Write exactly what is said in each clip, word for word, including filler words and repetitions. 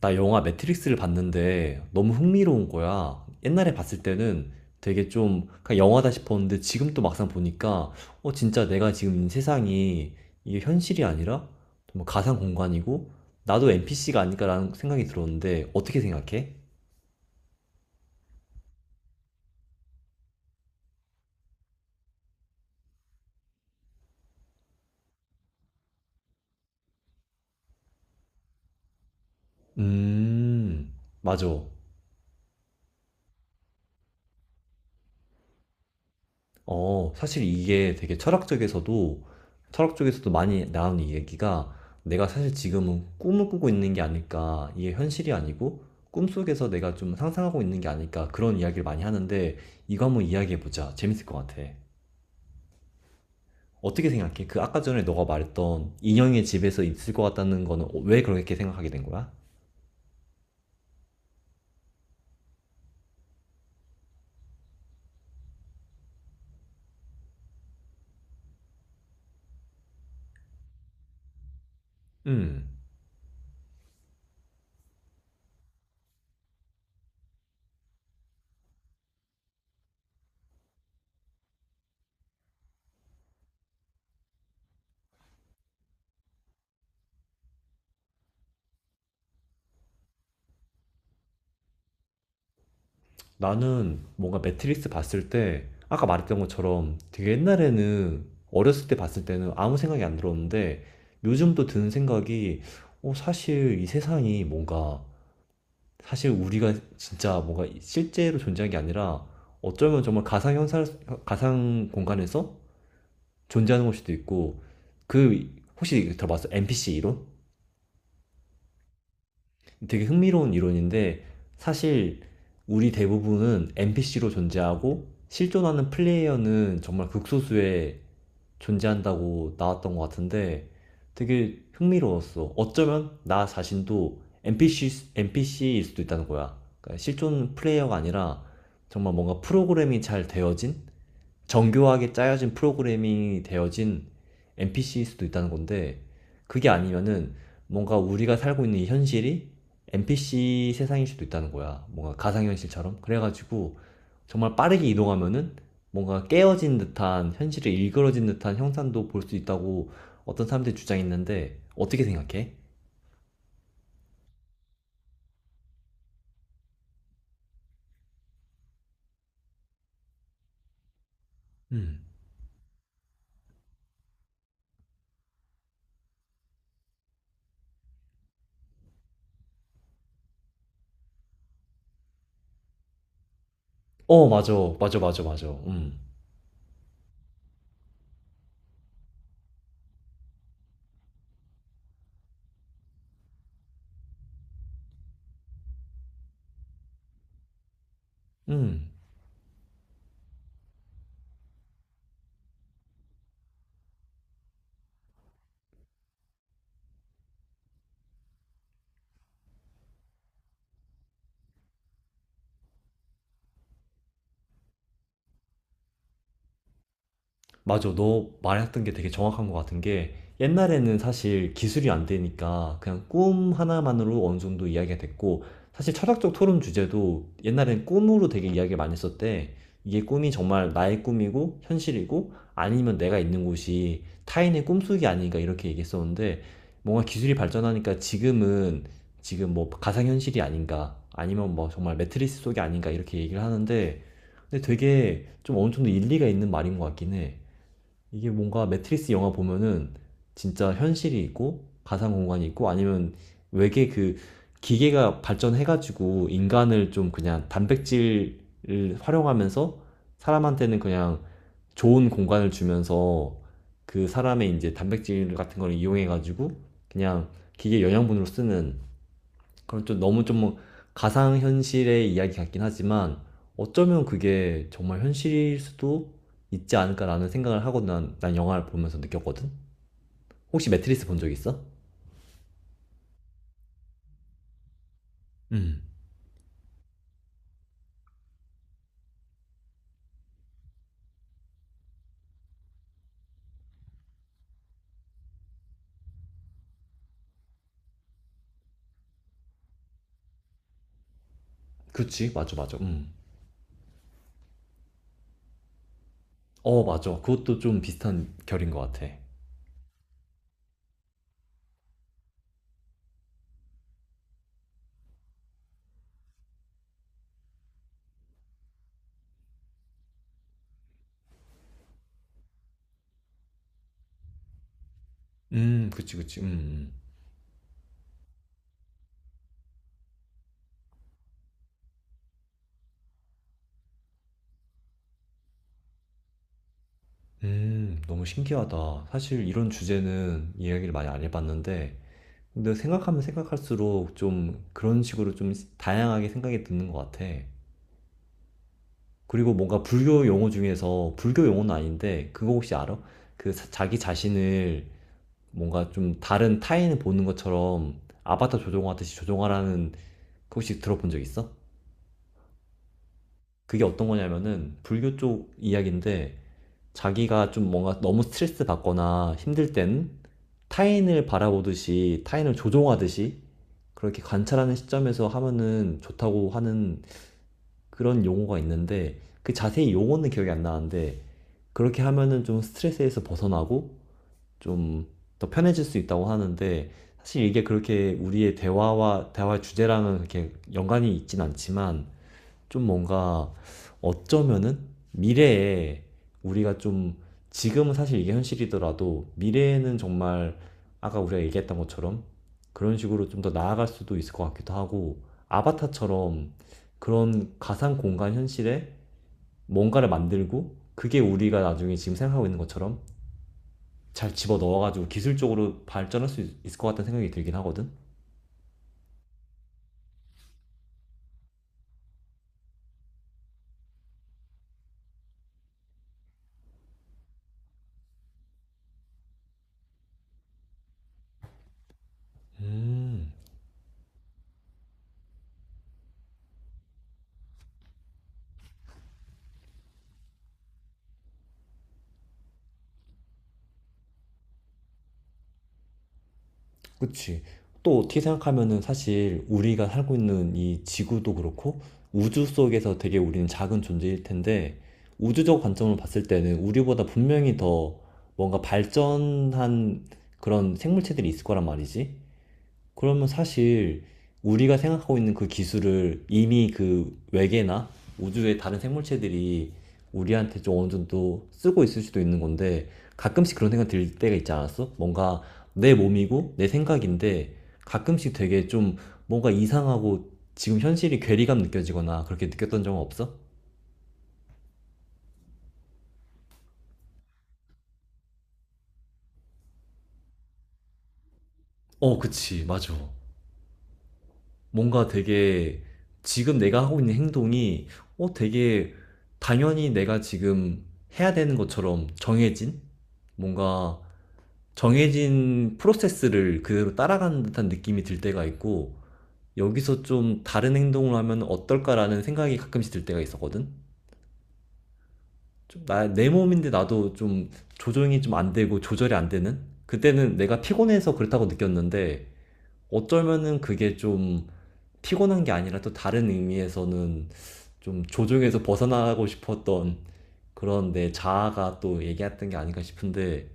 나 영화 매트릭스를 봤는데 너무 흥미로운 거야. 옛날에 봤을 때는 되게 좀 그냥 영화다 싶었는데 지금 또 막상 보니까 어 진짜 내가 지금 이 세상이 이게 현실이 아니라 정말 가상 공간이고 나도 엔피씨가 아닐까라는 생각이 들었는데 어떻게 생각해? 음, 맞아. 어, 사실 이게 되게 철학 쪽에서도, 철학 쪽에서도 많이 나오는 얘기가 내가 사실 지금은 꿈을 꾸고 있는 게 아닐까, 이게 현실이 아니고 꿈속에서 내가 좀 상상하고 있는 게 아닐까, 그런 이야기를 많이 하는데 이거 한번 이야기해보자. 재밌을 것 같아. 어떻게 생각해? 그 아까 전에 너가 말했던 인형의 집에서 있을 것 같다는 거는 왜 그렇게 생각하게 된 거야? 음. 나는 뭔가 매트릭스 봤을 때 아까 말했던 것처럼 되게 옛날에는 어렸을 때 봤을 때는 아무 생각이 안 들었는데 요즘 또 드는 생각이 어, 사실 이 세상이 뭔가 사실 우리가 진짜 뭔가 실제로 존재한 게 아니라 어쩌면 정말 가상 현상 가상 공간에서 존재하는 걸 수도 있고 그 혹시 들어봤어? 엔피씨 이론? 되게 흥미로운 이론인데 사실 우리 대부분은 엔피씨로 존재하고 실존하는 플레이어는 정말 극소수에 존재한다고 나왔던 것 같은데 되게 흥미로웠어. 어쩌면 나 자신도 엔피씨, 엔피씨일 수도 있다는 거야. 그러니까 실존 플레이어가 아니라 정말 뭔가 프로그램이 잘 되어진 정교하게 짜여진 프로그래밍이 되어진 엔피씨일 수도 있다는 건데 그게 아니면은 뭔가 우리가 살고 있는 이 현실이 엔피씨 세상일 수도 있다는 거야. 뭔가 가상현실처럼. 그래가지고 정말 빠르게 이동하면은 뭔가 깨어진 듯한 현실에 일그러진 듯한 형상도 볼 수 있다고 어떤 사람들이 주장했는데 어떻게 생각해? 음. 어, 맞아. 맞아, 맞아, 맞아. 음. 음. 맞아. 너 말했던 게 되게 정확한 것 같은 게 옛날에는 사실 기술이 안 되니까 그냥 꿈 하나만으로 어느 정도 이야기가 됐고 사실 철학적 토론 주제도 옛날엔 꿈으로 되게 이야기를 많이 했었대. 이게 꿈이 정말 나의 꿈이고 현실이고 아니면 내가 있는 곳이 타인의 꿈속이 아닌가 이렇게 얘기했었는데 뭔가 기술이 발전하니까 지금은 지금 뭐 가상현실이 아닌가 아니면 뭐 정말 매트리스 속이 아닌가 이렇게 얘기를 하는데 근데 되게 좀 어느 정도 일리가 있는 말인 것 같긴 해. 이게 뭔가 매트리스 영화 보면은 진짜 현실이 있고 가상 공간이 있고 아니면 외계 그 기계가 발전해가지고 인간을 좀 그냥 단백질을 활용하면서 사람한테는 그냥 좋은 공간을 주면서 그 사람의 이제 단백질 같은 걸 이용해가지고 그냥 기계 영양분으로 쓰는 그럼 좀 너무 좀 가상 현실의 이야기 같긴 하지만 어쩌면 그게 정말 현실일 수도 있지 않을까라는 생각을 하고 난, 난 영화를 보면서 느꼈거든? 혹시 매트리스 본 적 있어? 음, 그치, 맞아, 맞아, 음. 어, 맞아. 그것도 좀 비슷한 결인 것 같아. 음, 그치, 그치, 음, 음. 음, 너무 신기하다. 사실 이런 주제는 이야기를 많이 안 해봤는데, 근데 생각하면 생각할수록 좀 그런 식으로 좀 다양하게 생각이 드는 것 같아. 그리고 뭔가 불교 용어 중에서 불교 용어는 아닌데 그거 혹시 알아? 그 사- 자기 자신을 뭔가 좀 다른 타인을 보는 것처럼 아바타 조종하듯이 조종하라는 그 혹시 들어본 적 있어? 그게 어떤 거냐면은 불교 쪽 이야기인데 자기가 좀 뭔가 너무 스트레스 받거나 힘들 땐 타인을 바라보듯이 타인을 조종하듯이 그렇게 관찰하는 시점에서 하면은 좋다고 하는 그런 용어가 있는데 그 자세히 용어는 기억이 안 나는데 그렇게 하면은 좀 스트레스에서 벗어나고 좀 더 편해질 수 있다고 하는데 사실 이게 그렇게 우리의 대화와 대화 주제랑은 그렇게 연관이 있진 않지만 좀 뭔가 어쩌면은 미래에 우리가 좀 지금은 사실 이게 현실이더라도 미래에는 정말 아까 우리가 얘기했던 것처럼 그런 식으로 좀 더 나아갈 수도 있을 것 같기도 하고 아바타처럼 그런 가상 공간 현실에 뭔가를 만들고 그게 우리가 나중에 지금 생각하고 있는 것처럼 잘 집어 넣어가지고 기술적으로 발전할 수 있- 을 것 같다는 생각이 들긴 하거든. 음. 그치. 또 어떻게 생각하면은 사실 우리가 살고 있는 이 지구도 그렇고 우주 속에서 되게 우리는 작은 존재일 텐데 우주적 관점으로 봤을 때는 우리보다 분명히 더 뭔가 발전한 그런 생물체들이 있을 거란 말이지. 그러면 사실 우리가 생각하고 있는 그 기술을 이미 그 외계나 우주의 다른 생물체들이 우리한테 좀 어느 정도 쓰고 있을 수도 있는 건데 가끔씩 그런 생각 들 때가 있지 않았어? 뭔가 내 몸이고 내 생각인데 가끔씩 되게 좀 뭔가 이상하고 지금 현실이 괴리감 느껴지거나 그렇게 느꼈던 적은 없어? 어, 그치, 맞아. 뭔가 되게 지금 내가 하고 있는 행동이 어 되게 당연히 내가 지금 해야 되는 것처럼 정해진 뭔가 정해진 프로세스를 그대로 따라가는 듯한 느낌이 들 때가 있고 여기서 좀 다른 행동을 하면 어떨까라는 생각이 가끔씩 들 때가 있었거든. 좀 나, 내 몸인데 나도 좀 조정이 좀 안 되고 조절이 안 되는? 그때는 내가 피곤해서 그렇다고 느꼈는데 어쩌면은 그게 좀 피곤한 게 아니라 또 다른 의미에서는 좀 조종에서 벗어나고 싶었던 그런 내 자아가 또 얘기했던 게 아닌가 싶은데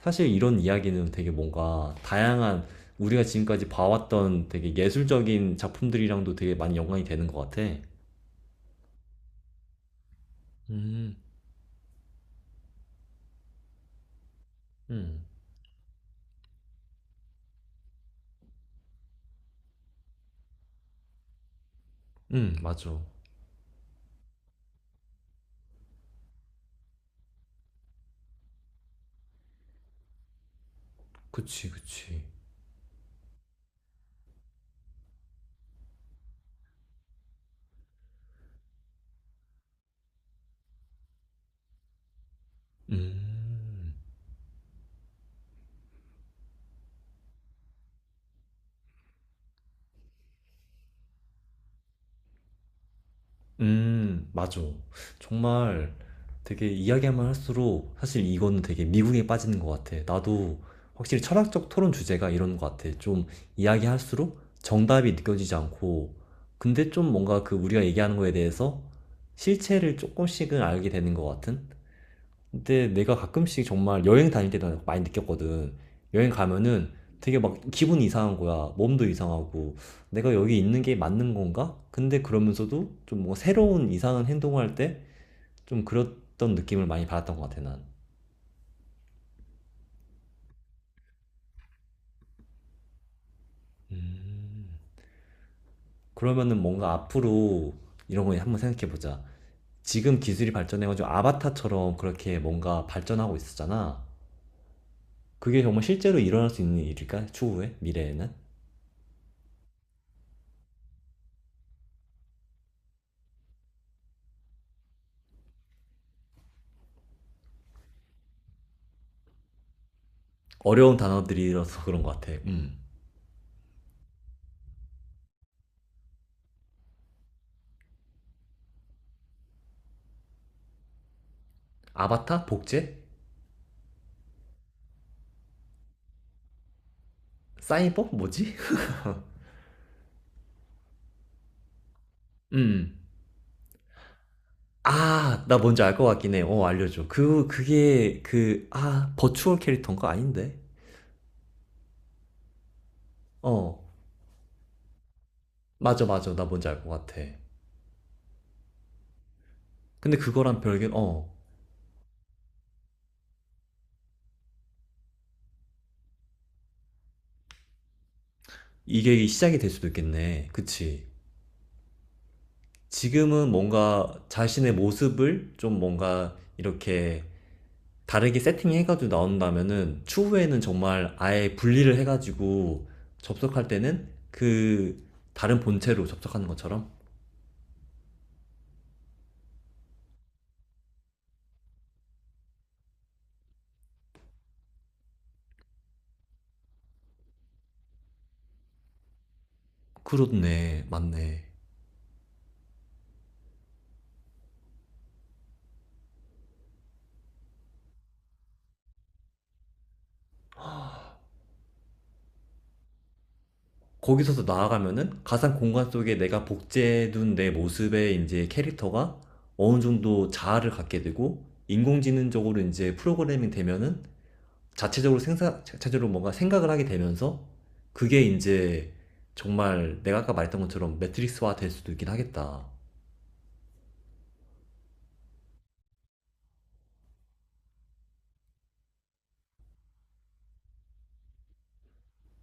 사실 이런 이야기는 되게 뭔가 다양한 우리가 지금까지 봐왔던 되게 예술적인 작품들이랑도 되게 많이 연관이 되는 것 같아. 음, 음, 음, 맞아. 그치, 그치. 음. 음, 맞아. 정말 되게 이야기만 할수록 사실 이거는 되게 미국에 빠지는 것 같아. 나도 확실히 철학적 토론 주제가 이런 것 같아. 좀 이야기할수록 정답이 느껴지지 않고, 근데 좀 뭔가 그 우리가 얘기하는 거에 대해서 실체를 조금씩은 알게 되는 것 같은? 근데 내가 가끔씩 정말 여행 다닐 때도 많이 느꼈거든. 여행 가면은 되게 막 기분이 이상한 거야. 몸도 이상하고. 내가 여기 있는 게 맞는 건가? 근데 그러면서도 좀 뭔가 새로운 이상한 행동을 할 때 좀 그랬던 느낌을 많이 받았던 것 같아, 난. 그러면은 뭔가 앞으로 이런 거 한번 생각해 보자. 지금 기술이 발전해가지고 아바타처럼 그렇게 뭔가 발전하고 있었잖아. 그게 정말 실제로 일어날 수 있는 일일까? 추후에? 미래에는? 어려운 단어들이라서 그런 것 같아. 음. 아바타? 복제? 사이버? 뭐지? 음. 아, 나 뭔지 알 것 같긴 해. 어, 알려줘. 그, 그게, 그, 아, 버추얼 캐릭터인가? 아닌데? 어, 맞아, 맞아. 나 뭔지 알 것 같아. 근데 그거랑 별개, 어, 이게 시작이 될 수도 있겠네. 그치. 지금은 뭔가 자신의 모습을 좀 뭔가 이렇게 다르게 세팅해가지고 나온다면은 추후에는 정말 아예 분리를 해가지고 접속할 때는 그 다른 본체로 접속하는 것처럼 그렇네. 맞네. 거기서도 나아가면은 가상 공간 속에 내가 복제해둔 내 모습의 이제 캐릭터가 어느 정도 자아를 갖게 되고 인공지능적으로 이제 프로그래밍 되면은 자체적으로 생사, 자체적으로 뭔가 생각을 하게 되면서 그게 이제 정말 내가 아까 말했던 것처럼 매트릭스화 될 수도 있긴 하겠다.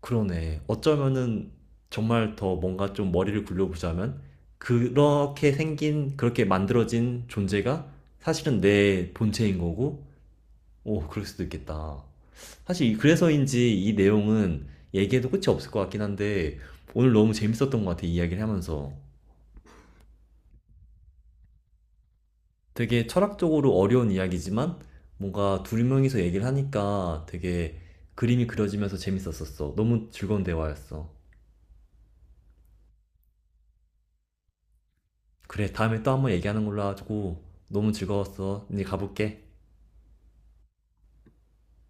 그러네. 어쩌면은 정말 더 뭔가 좀 머리를 굴려보자면 그렇게 생긴, 그렇게 만들어진 존재가 사실은 내 본체인 거고, 오, 그럴 수도 있겠다. 사실 이- 그래서인지 이 내용은 얘기해도 끝이 없을 것 같긴 한데 오늘 너무 재밌었던 것 같아, 이야기를 하면서. 되게 철학적으로 어려운 이야기지만 뭔가 둘 명이서 얘기를 하니까 되게 그림이 그려지면서 재밌었었어. 너무 즐거운 대화였어. 그래, 다음에 또 한번 얘기하는 걸로 하고 너무 즐거웠어. 이제 가볼게.